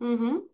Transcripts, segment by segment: Mhm.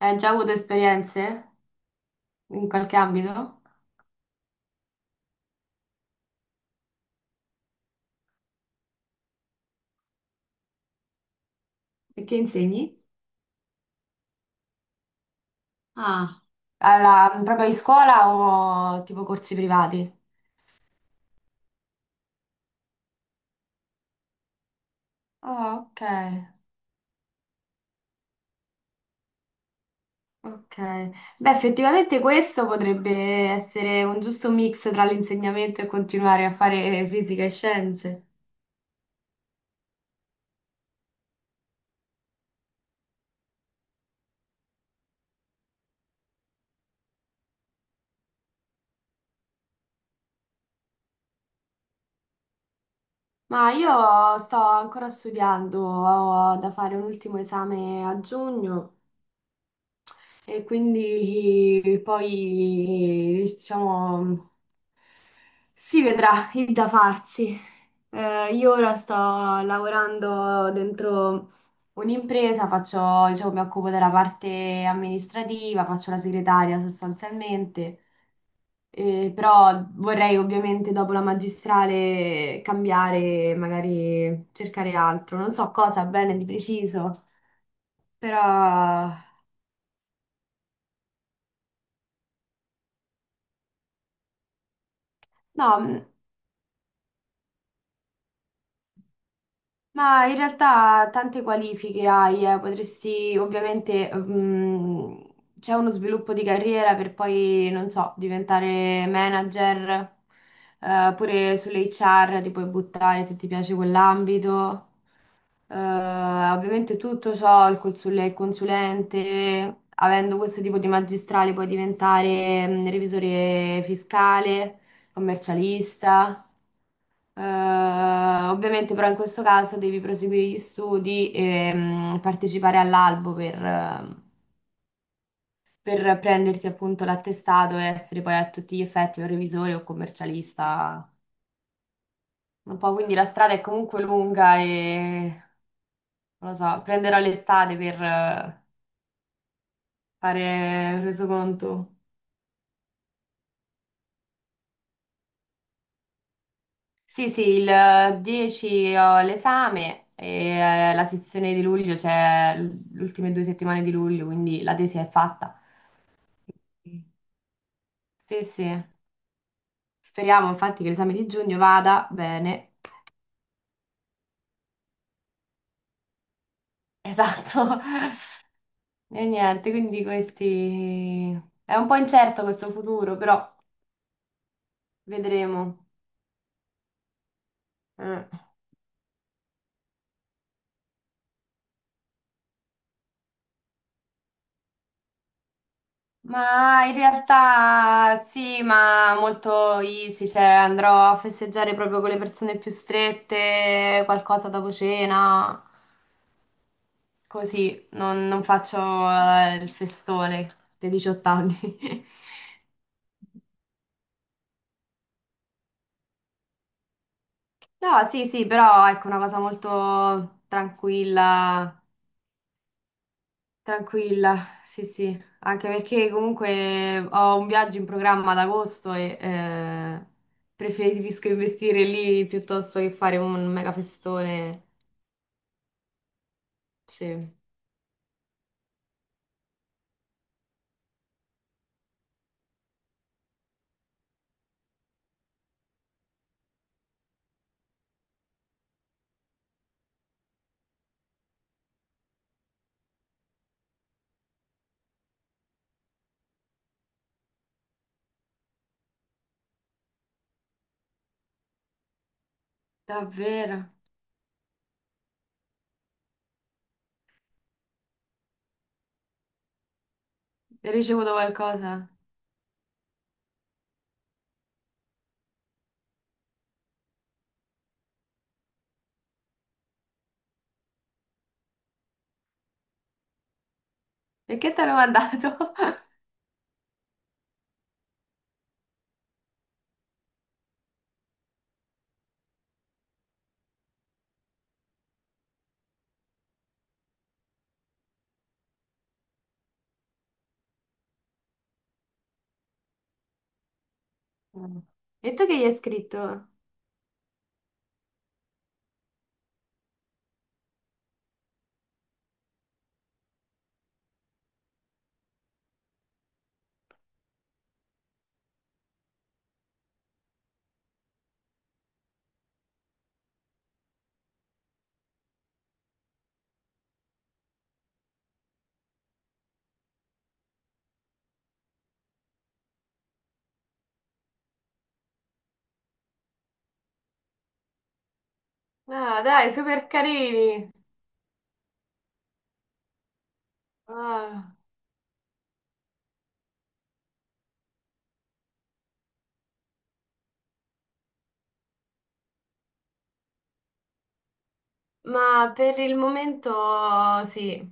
Hai già avuto esperienze in qualche ambito? E che insegni? Ah, alla, proprio in scuola o tipo corsi privati? Ah, ok, ok. Beh, effettivamente questo potrebbe essere un giusto mix tra l'insegnamento e continuare a fare fisica e scienze. Ma io sto ancora studiando, ho da fare un ultimo esame a giugno. E quindi poi, diciamo, si vedrà il da farsi. Io ora sto lavorando dentro un'impresa, faccio, diciamo, mi occupo della parte amministrativa, faccio la segretaria sostanzialmente. Però vorrei ovviamente dopo la magistrale cambiare, magari cercare altro, non so cosa bene di preciso, però no. Ma in realtà tante qualifiche hai, potresti ovviamente, c'è uno sviluppo di carriera per poi, non so, diventare manager, pure sulle HR ti puoi buttare se ti piace quell'ambito. Ovviamente tutto ciò, il consulente, avendo questo tipo di magistrale puoi diventare, revisore fiscale, commercialista. Eh, Ovviamente però in questo caso devi proseguire gli studi e partecipare all'albo per prenderti appunto l'attestato e essere poi a tutti gli effetti un revisore o commercialista. Un po', quindi la strada è comunque lunga e non lo so, prenderò l'estate per fare resoconto. Sì, sì, il 10 ho l'esame e la sezione di luglio c'è le ultime due settimane di luglio, quindi la tesi è fatta. Sì, sì. Speriamo infatti che l'esame di giugno vada bene. Esatto. E niente, quindi questi... È un po' incerto questo futuro, però vedremo. Eh. Ma in realtà sì, ma molto easy, cioè andrò a festeggiare proprio con le persone più strette, qualcosa dopo cena, così, non, non faccio il festone dei 18 anni. No, sì, sì, però ecco una cosa molto tranquilla. Tranquilla, sì, sì, anche perché comunque ho un viaggio in programma ad agosto e preferisco investire lì piuttosto che fare un mega festone. Sì, davvero. Hai ricevuto qualcosa? Perché te l'ho mandato? Mm. E tu che gli hai scritto? Ah, dai, super carini. Ah, ma per il momento sì.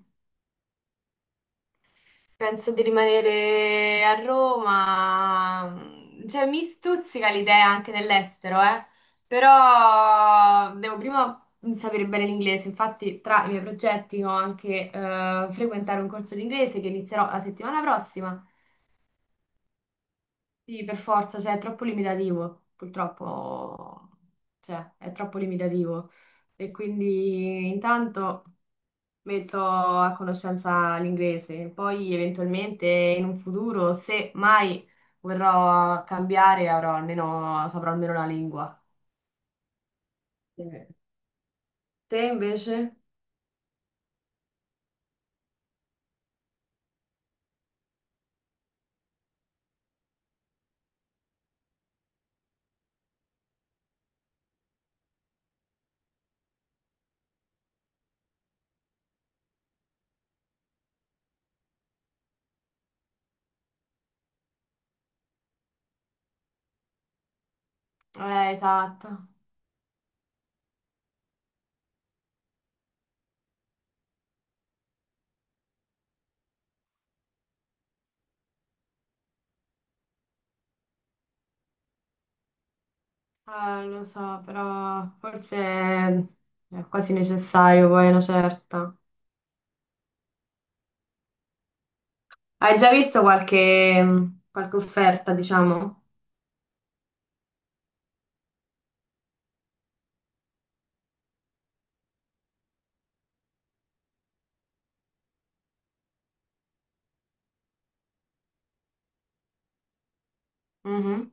Penso di rimanere a Roma, mm, cioè mi stuzzica l'idea anche dell'estero, eh. Però devo prima sapere bene l'inglese, infatti tra i miei progetti ho anche frequentare un corso di inglese che inizierò la settimana prossima. Sì, per forza, cioè è troppo limitativo, purtroppo, cioè è troppo limitativo. E quindi intanto metto a conoscenza l'inglese. Poi eventualmente in un futuro, se mai vorrò cambiare, avrò almeno, saprò almeno la lingua. Eh, Te invece? Esatto. Lo so, però forse è quasi necessario poi una certa. Hai già visto qualche, qualche offerta, diciamo? Mhm.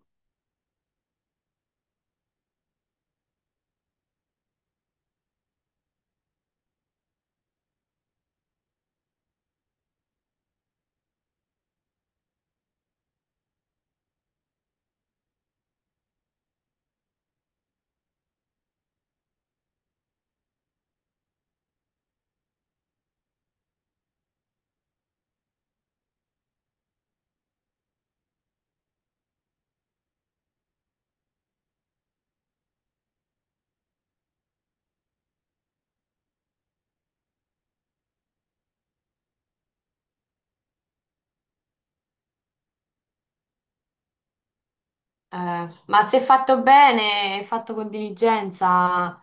Ma se fatto bene, e fatto con diligenza,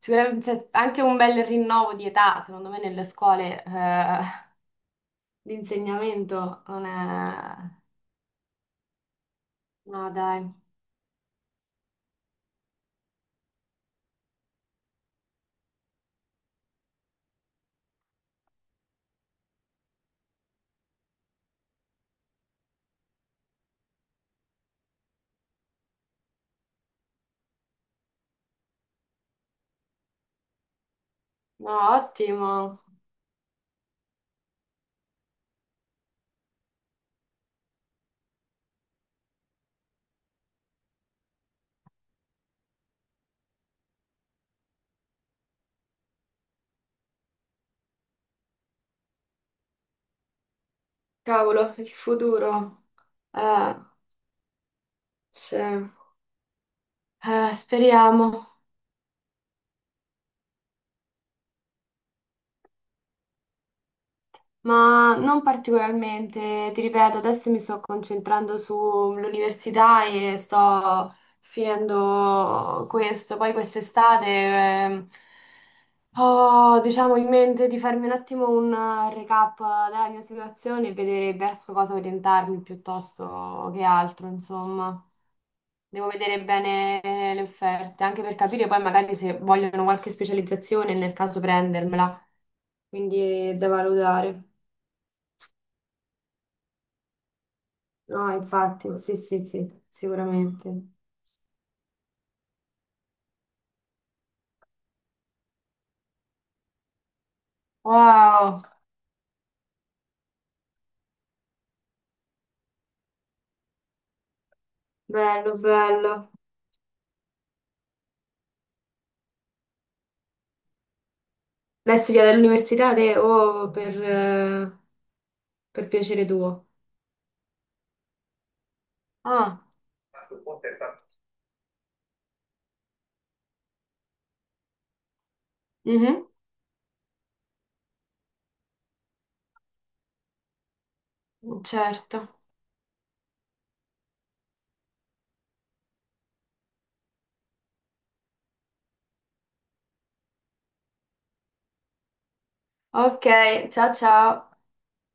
sicuramente c'è anche un bel rinnovo di età, secondo me nelle scuole l'insegnamento non è... No, dai. No, ottimo. Cavolo, il futuro. Eh, sì. Speriamo. Ma non particolarmente, ti ripeto, adesso mi sto concentrando sull'università e sto finendo questo. Poi quest'estate ho, diciamo, in mente di farmi un attimo un recap della mia situazione e vedere verso cosa orientarmi piuttosto che altro, insomma. Devo vedere bene le offerte, anche per capire poi magari se vogliono qualche specializzazione, nel caso prendermela. Quindi è da valutare. No, infatti, sì, sì, sì, sicuramente. Wow, bello, bello. Lei studia all'università te o per piacere tuo? Ah, mhm, certo. Ok, ciao ciao.